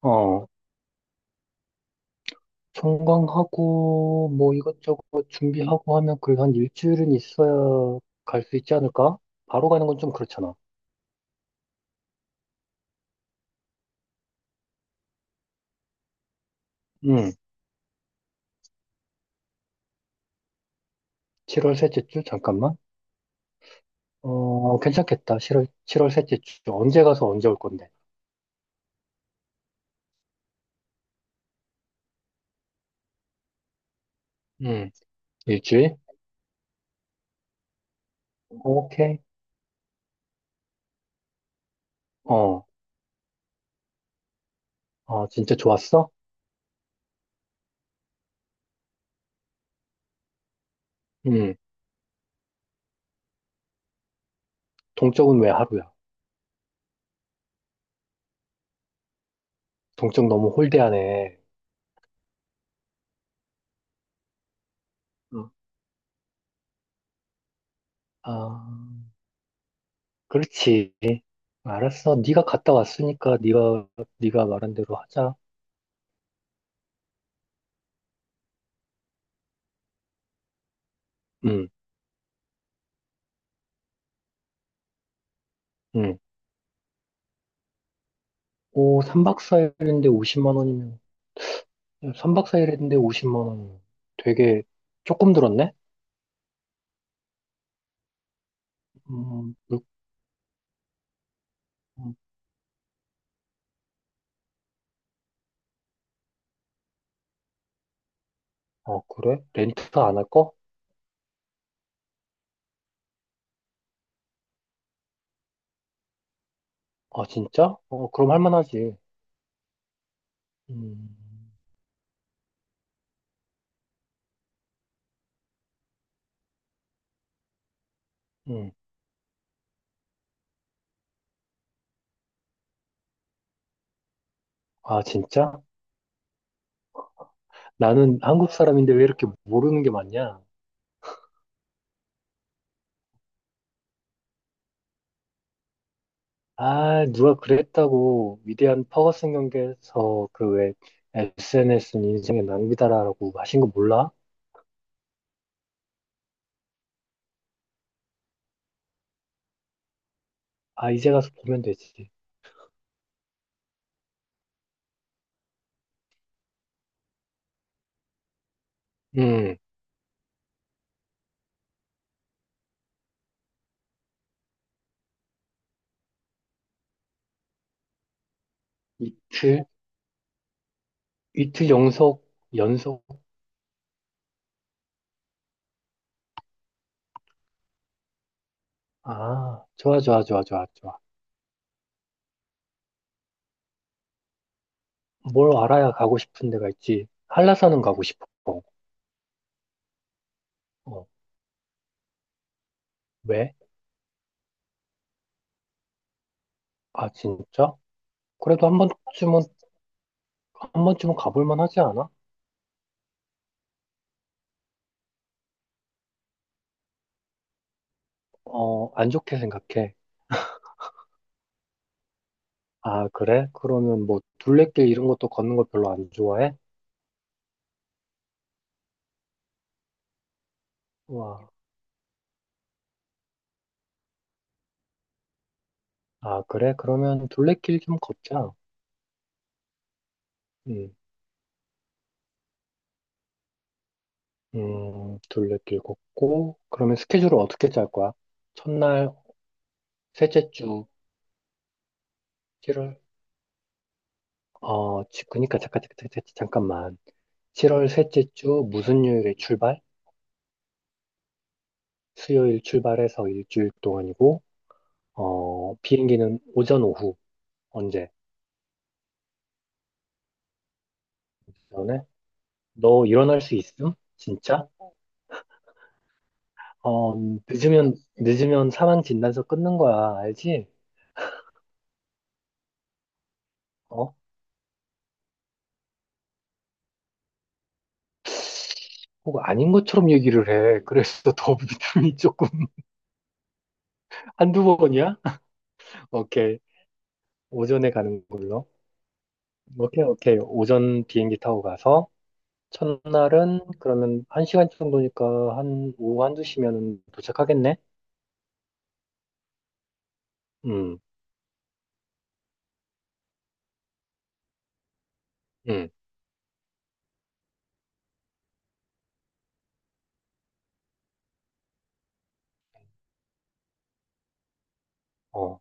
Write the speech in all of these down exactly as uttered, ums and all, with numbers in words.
어, 청강하고 뭐 이것저것 준비하고 하면 그래도 한 일주일은 있어야 갈 수 있지 않을까? 바로 가는 건 좀 그렇잖아. 응, 칠월 셋째 주 잠깐만. 어, 괜찮겠다. 7월 칠월 셋째 주 언제 가서 언제 올 건데? 응, 일주일? 오케이. 어, 아 진짜 좋았어? 응, 동쪽은 왜 하루야? 동쪽 너무 홀대하네. 응. 아, 그렇지. 알았어. 네가 갔다 왔으니까 네가 네가 말한 대로 하자. 응. 응. 오, 삼 박 사 일인데 오십만 원이면, 삼 박 사 일인데 오십만 원이면 되게 조금 들었네? 음, 물- 음, 어, 그래? 렌트 안 할 거? 아, 진짜? 어, 그럼 할 만하지. 음, 음. 아, 진짜? 나는 한국 사람인데 왜 이렇게 모르는 게 많냐? 아, 누가 그랬다고 위대한 퍼거슨 경기에서 그 왜 에스엔에스는 인생의 낭비다라고 하신 거 몰라? 아, 이제 가서 보면 되지. 음, 이틀? 이틀 연속, 연속. 아, 좋아, 좋아, 좋아, 좋아, 좋아. 뭘 알아야 가고 싶은 데가 있지. 한라산은 가고 싶어. 어, 왜? 아, 진짜? 그래도 한 번쯤은, 한 번쯤은 가볼 만하지 않아? 어, 안 좋게 생각해. 아, 그래? 그러면 뭐, 둘레길 이런 것도 걷는 걸 별로 안 좋아해? 와, 아, 그래? 그러면 둘레길 좀 걷자. 음, 음, 둘레길 걷고, 그러면 스케줄을 어떻게 짤 거야? 첫날, 셋째 주, 칠월, 어, 지- 그니까 잠깐, 잠깐, 잠깐, 잠깐만. 칠월 셋째 주 무슨 요일에 출발? 수요일 출발해서 일주일 동안이고, 어, 비행기는 오전 오후 언제? 너네? 너 일어날 수 있음? 진짜? 어, 늦으면 늦으면 사망 진단서 끊는 거야, 알지? 어? 혹 아닌 것처럼 얘기를 해. 그래서 더 믿음이 조금 한두 번이야? 오케이. 오전에 가는 걸로. 오케이, 오케이. 오전 비행기 타고 가서 첫날은 그러면 한 시간 정도니까 한 오후 한두 시면은 도착하겠네? 음, 음, 어.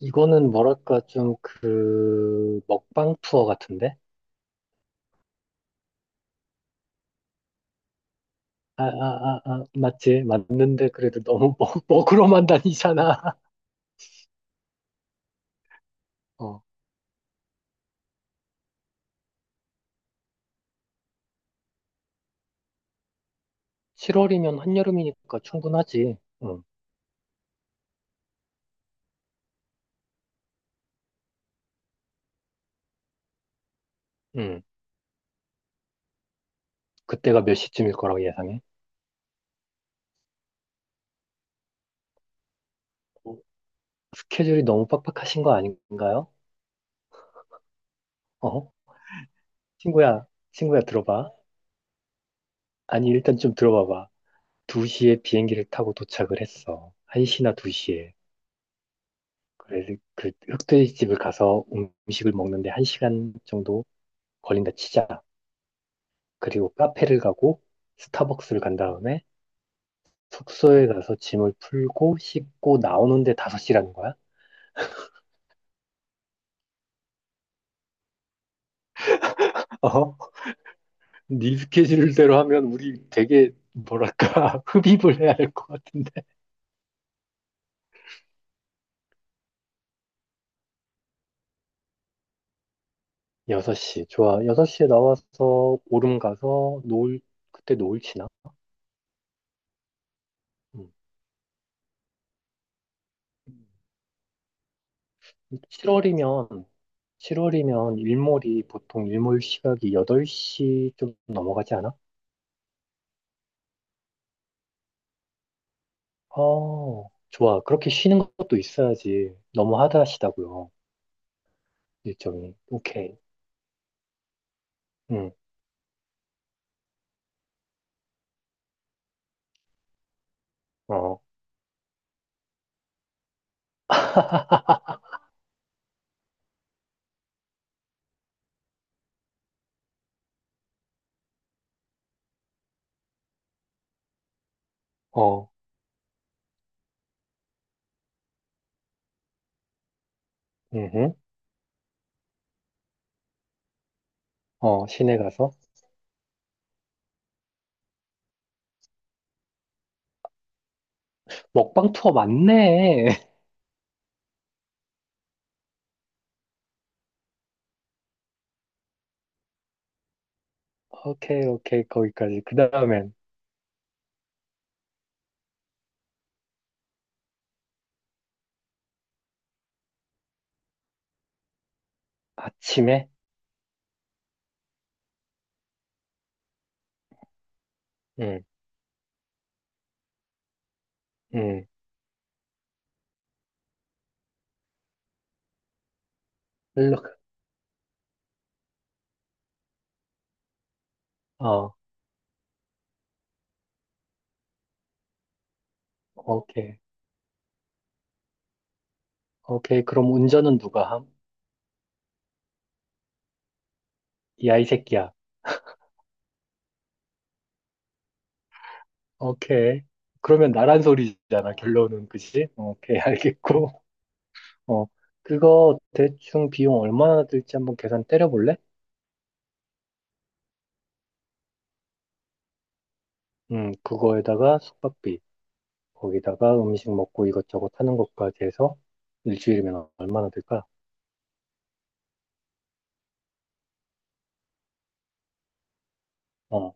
이거는 뭐랄까 좀 그 먹방 투어 같은데? 아, 아, 아, 아, 맞지? 맞는데 그래도 너무 먹, 먹으러만 다니잖아. 어. 칠월이면 한여름이니까 충분하지. 응, 응, 그때가 몇 시쯤일 거라고 예상해? 어, 스케줄이 너무 빡빡하신 거 아닌가요? 어? 친구야, 친구야 들어봐. 아니 일단 좀 들어봐봐. 두 시에 비행기를 타고 도착을 했어. 한 시나 두 시에. 그래서 그 흑돼지집을 가서 음식을 먹는데 한 시간 정도 걸린다 치자. 그리고 카페를 가고 스타벅스를 간 다음에 숙소에 가서 짐을 풀고 씻고 나오는데 다섯 시라는 거야? 어? 네 스케줄대로 하면 우리 되게 뭐랄까 흡입을 해야 할 것 같은데 여섯 시 좋아, 여섯 시에 나와서 오름 가서 노을, 그때 노을 치나? 음. 칠월이면 칠월이면 일몰이 보통 일몰 시각이 여덟 시 좀 넘어가지 않아? 어, 좋아. 그렇게 쉬는 것도 있어야지. 너무 하드하시다고요. 일정이. 오케이. 응. 어, 어, 응. 어, 시내 가서 먹방 투어 맞네. 오케이, 오케이. 거기까지. 그 다음엔 아침에 응, 응. 일로 가. 어, 오케이. 오케이. 그럼 운전은 누가 함? 이 아이 새끼야. 오케이. 그러면 나란 소리잖아, 결론은. 그지? 오케이, 알겠고. 어, 그거 대충 비용 얼마나 들지 한번 계산 때려볼래? 음, 그거에다가 숙박비, 거기다가 음식 먹고 이것저것 하는 것까지 해서 일주일이면 얼마나 들까? 어,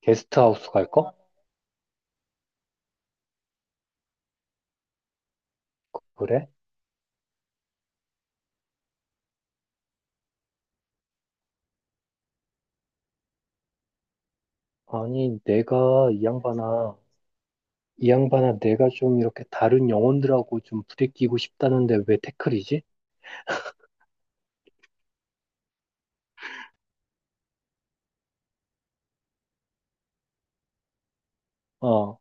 게스트하우스 갈 거? 그래? 아니, 내가 이 양반아, 이 양반아, 내가 좀 이렇게 다른 영혼들하고 좀 부대끼고 싶다는데 왜 태클이지? 어,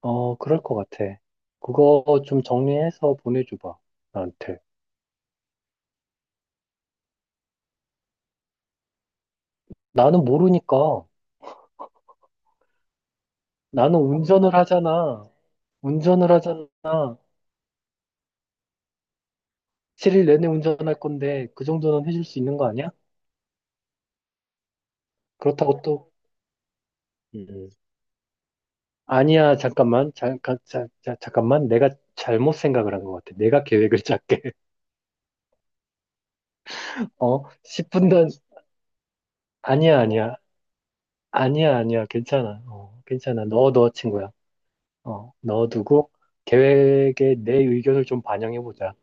어, 그럴 것 같아. 그거 좀 정리해서 보내줘봐, 나한테. 나는 모르니까. 나는 운전을 하잖아. 운전을 하잖아. 칠 일 내내 운전할 건데, 그 정도는 해줄 수 있는 거 아니야? 그렇다고 또, 음, 아니야, 잠깐만. 잠깐, 자, 자, 잠깐만. 내가 잘못 생각을 한 것 같아. 내가 계획을 짰게. 어, 십 분 전, 아니야, 아니야. 아니야, 아니야. 괜찮아. 어, 괜찮아. 넣어, 넣어, 친구야. 어, 넣어두고, 계획에 내 의견을 좀 반영해보자.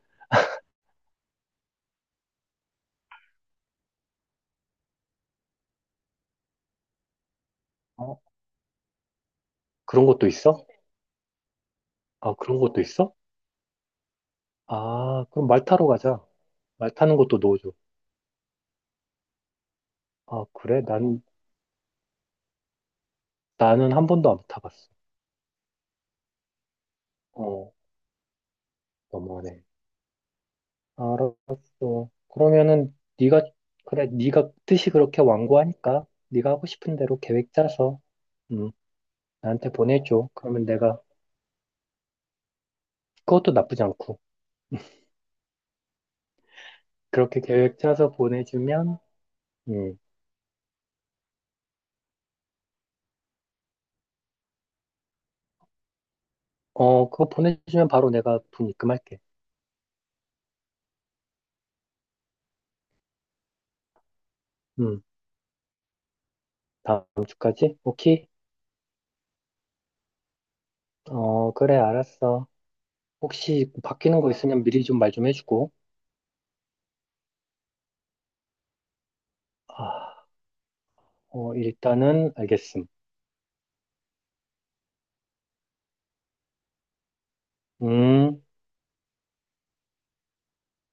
어, 그런 것도 있어? 아, 그런 것도 있어? 아, 그럼 말 타러 가자. 말 타는 것도 넣어줘. 아, 그래? 난, 나는 한 번도 안 타봤어. 어, 너무하네. 알았어. 그러면은, 네가, 그래, 네가 뜻이 그렇게 완고하니까, 네가 하고 싶은 대로 계획 짜서, 음, 나한테 보내줘. 그러면 내가, 그것도 나쁘지 않고, 그렇게 계획 짜서 보내주면, 음, 어, 그거 보내주면 바로 내가 돈 입금할게. 음, 다음 주까지? 오케이? 어, 그래, 알았어. 혹시 바뀌는 거 있으면 미리 좀 말 좀 해주고. 아, 어, 일단은 알겠음. 음.